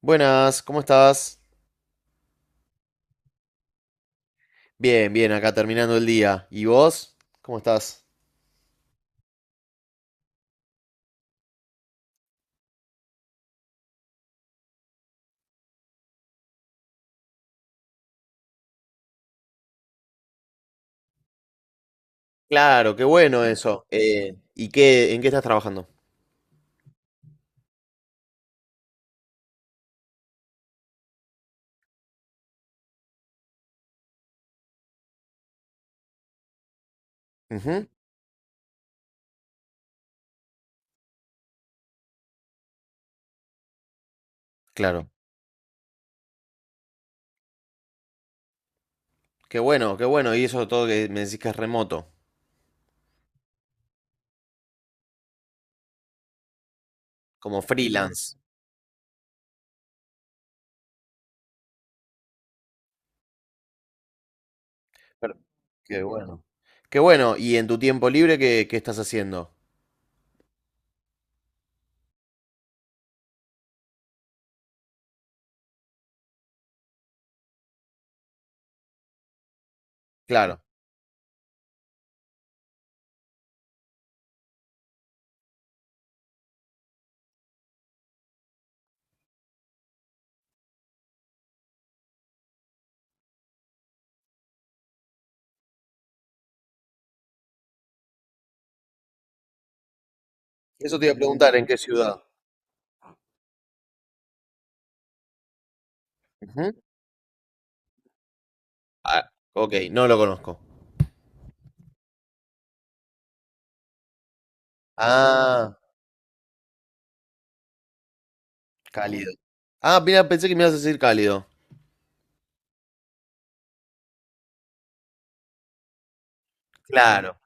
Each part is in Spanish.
Buenas, ¿cómo estás? Bien, bien, acá terminando el día. ¿Y vos? ¿Cómo estás? Claro, qué bueno eso. ¿Y en qué estás trabajando? Ujú, claro. Qué bueno, qué bueno. Y eso todo que me decís que es remoto, como freelance. Per- Qué bueno. Qué bueno. ¿Y en tu tiempo libre qué estás haciendo? Claro. Eso te iba a preguntar, ¿en qué ciudad? Ujú. Ah, ok, no lo conozco. Ah, cálido. Ah, mira, pensé que me ibas a decir cálido. Claro.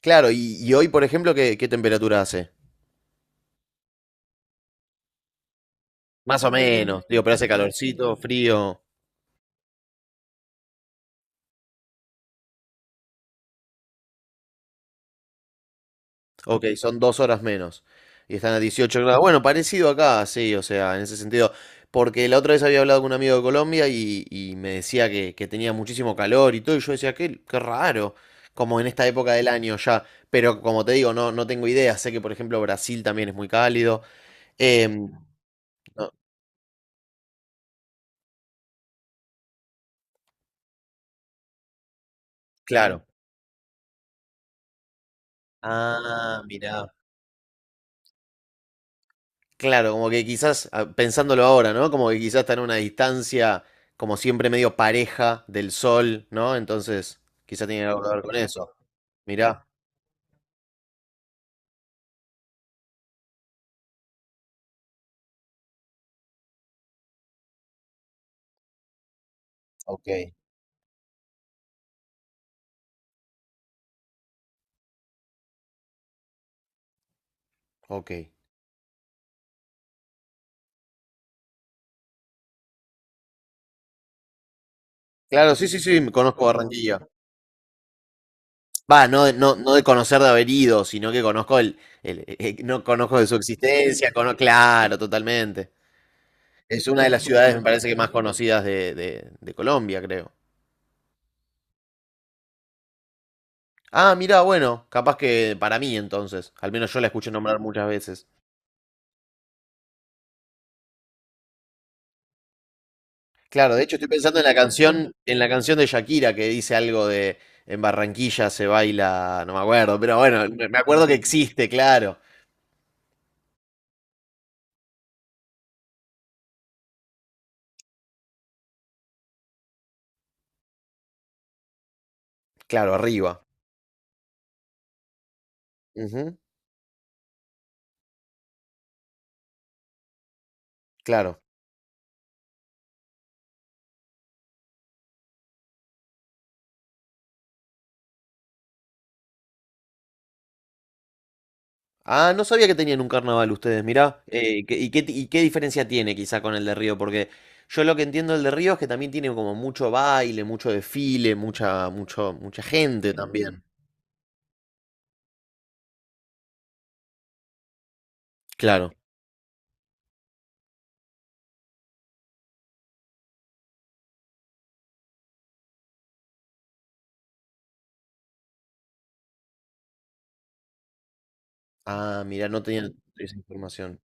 Claro, y hoy, por ejemplo, ¿qué temperatura hace? Más o menos. Digo, pero hace calorcito, frío. Ok, son 2 horas menos. Y están a 18 grados. Bueno, parecido acá, sí, o sea, en ese sentido. Porque la otra vez había hablado con un amigo de Colombia y me decía que tenía muchísimo calor y todo. Y yo decía, qué raro. Como en esta época del año ya. Pero como te digo, no tengo idea. Sé que, por ejemplo, Brasil también es muy cálido. Em, no, claro. Ah, mirá. Claro, como que quizás, ah, pensándolo ahora, ¿no? Como que quizás está en una distancia, como siempre, medio pareja del sol, ¿no? Entonces, quizás tiene algo que ver con eso. Mirá, ok, ok. Claro, sí, sí, sí, me conozco Barranquilla. Va, no, no, no de conocer de haber ido, sino que conozco no conozco de su existencia, claro, totalmente. Es una de las ciudades, me parece que más conocidas de Colombia, creo. Ah, mirá, bueno, capaz que para mí entonces, al menos yo la escuché nombrar muchas veces. Claro, de hecho estoy pensando en la canción de Shakira que dice algo de en Barranquilla se baila, no me acuerdo, pero bueno, me acuerdo que existe, claro. Claro, arriba. Ujú, claro. Ah, no sabía que tenían un carnaval ustedes, mirá. ¿Y qué diferencia tiene quizá con el de Río? Porque yo lo que entiendo del de Río es que también tiene como mucho baile, mucho desfile, mucha, mucho, mucha gente también. Claro. Ah, mirá, no tenía esa información.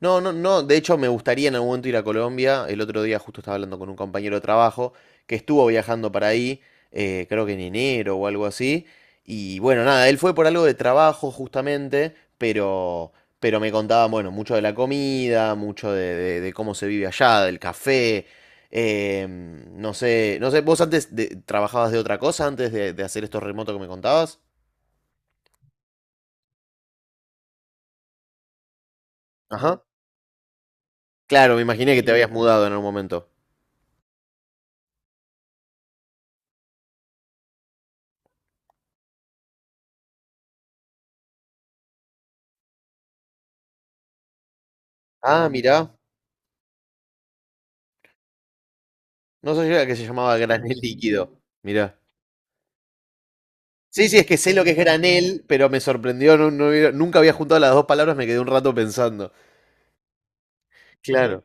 No, no, no. De hecho, me gustaría en algún momento ir a Colombia. El otro día justo estaba hablando con un compañero de trabajo que estuvo viajando para ahí, creo que en enero o algo así. Y bueno, nada, él fue por algo de trabajo justamente, pero, me contaban, bueno, mucho de la comida, mucho de cómo se vive allá, del café. No sé, no sé, ¿vos antes trabajabas de otra cosa antes de hacer estos remotos que me contabas? Ajá. Claro, me imaginé que te habías Sí, mudado en algún momento. Ah, mirá. No sabía que se llamaba granel líquido. Mirá. Sí, sí, es que sé lo que es granel, pero me sorprendió. Nunca había juntado las dos palabras, me quedé un rato pensando. Claro.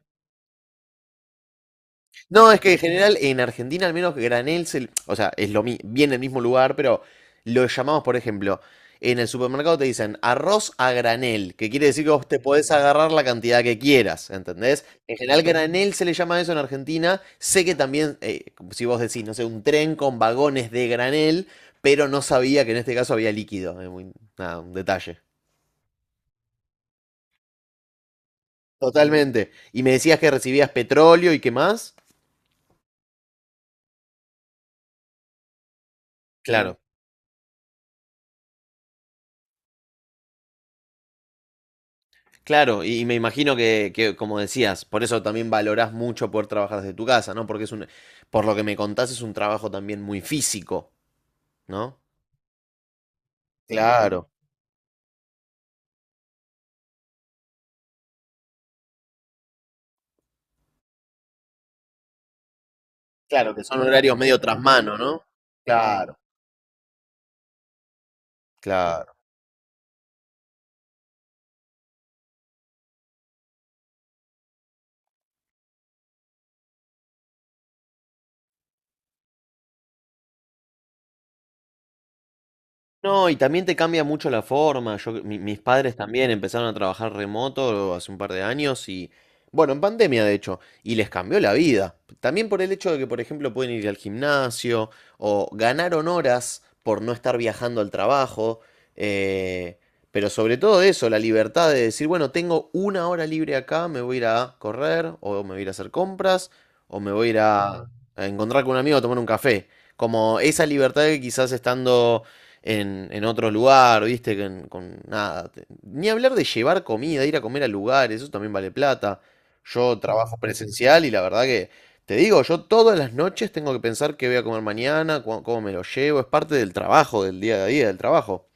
No, es que en general en Argentina al menos Granel, o sea, es lo viene del mismo lugar, pero lo llamamos, por ejemplo, en el supermercado te dicen arroz a granel, que quiere decir que vos te podés agarrar la cantidad que quieras, ¿entendés? En general granel se le llama eso en Argentina. Sé que también, si vos decís, no sé, un tren con vagones de granel, pero no sabía que en este caso había líquido. Es nada, un detalle. Totalmente. Y me decías que recibías petróleo y qué más. Claro. Claro, y me imagino que, como decías, por eso también valorás mucho poder trabajar desde tu casa, ¿no? Porque es un, por lo que me contás, es un trabajo también muy físico, ¿no? Claro, claro, que son horarios medio tras mano, ¿no? Claro, claro. No, y también te cambia mucho la forma. Yo, mis padres también empezaron a trabajar remoto hace un par de años y, bueno, en pandemia de hecho, y les cambió la vida. También por el hecho de que, por ejemplo, pueden ir al gimnasio o ganaron horas por no estar viajando al trabajo. eh, pero sobre todo eso, la libertad de decir, bueno, tengo una hora libre acá, me voy a ir a correr o me voy a ir a hacer compras o me voy a ir a, Claro, a encontrar con un amigo a tomar un café. Como esa libertad que quizás estando en otro lugar, ¿viste? Con nada. Ni hablar de llevar comida, ir a comer a lugares, eso también vale plata. Yo trabajo presencial y la verdad que, te digo, yo todas las noches tengo que pensar qué voy a comer mañana, cómo me lo llevo, es parte del trabajo, del día a día del trabajo.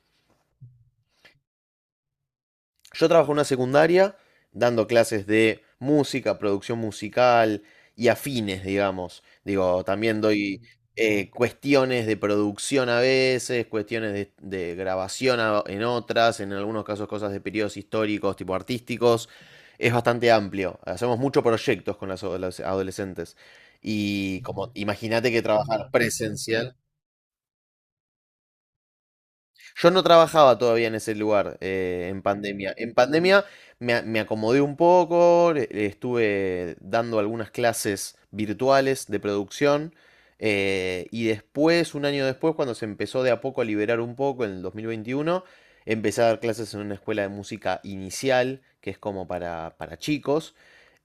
Yo trabajo en una secundaria dando clases de música, producción musical y afines, digamos. Digo, también doy cuestiones de producción a veces, cuestiones de grabación en otras, en algunos casos cosas de periodos históricos, tipo artísticos. Es bastante amplio. Hacemos muchos proyectos con las adolescentes. Y como imagínate que trabajar presencial. Yo no trabajaba todavía en ese lugar en pandemia. En pandemia me, me acomodé un poco, le estuve dando algunas clases virtuales de producción y después, un año después, cuando se empezó de a poco a liberar un poco en el 2021 empecé a dar clases en una escuela de música inicial, que es como para, chicos.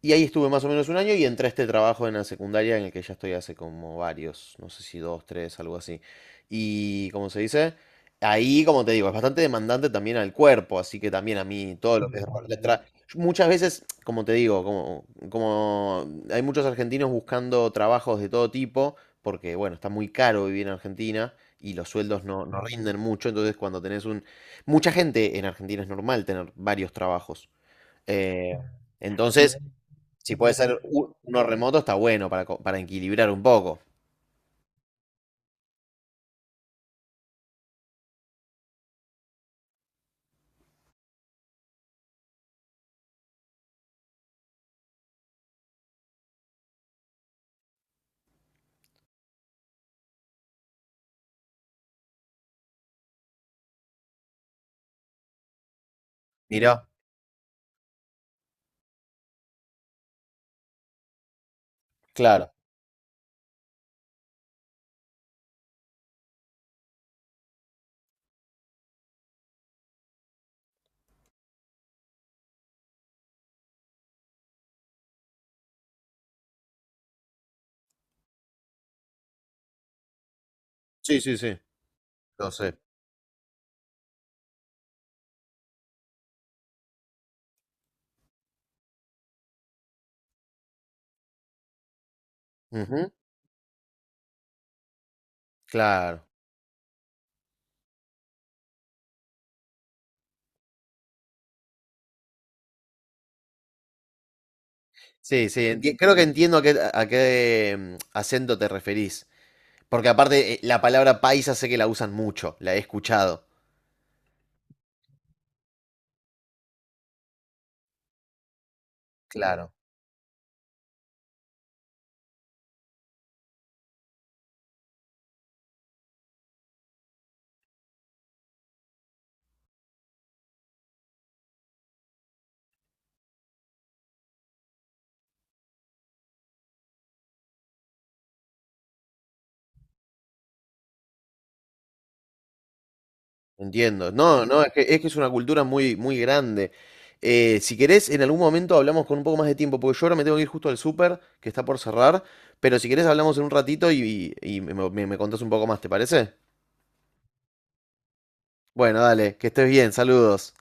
Y ahí estuve más o menos un año y entré a este trabajo en la secundaria en el que ya estoy hace como varios, no sé si dos, tres, algo así. Y, ¿cómo se dice? Ahí, como te digo, es bastante demandante también al cuerpo, así que también a mí todo lo que es Mm. Muchas veces, como te digo, como hay muchos argentinos buscando trabajos de todo tipo, porque bueno, está muy caro vivir en Argentina y los sueldos no rinden mucho, entonces cuando tenés un... Mucha gente en Argentina es normal tener varios trabajos. eh, entonces, si puede ser uno remoto, está bueno para, para equilibrar un poco. Mirá, claro. Sí, sí, sí, lo sé. Ujú, claro. Sí, sí, creo que entiendo a qué acento te referís. Porque aparte, la palabra paisa sé que la usan mucho, la he escuchado. Claro. Entiendo. No, no, es que es una cultura muy, muy grande. Si querés, en algún momento hablamos con un poco más de tiempo, porque yo ahora me tengo que ir justo al súper, que está por cerrar, pero si querés hablamos en un ratito y me contás un poco más, ¿te parece? Bueno, dale, que estés bien, saludos.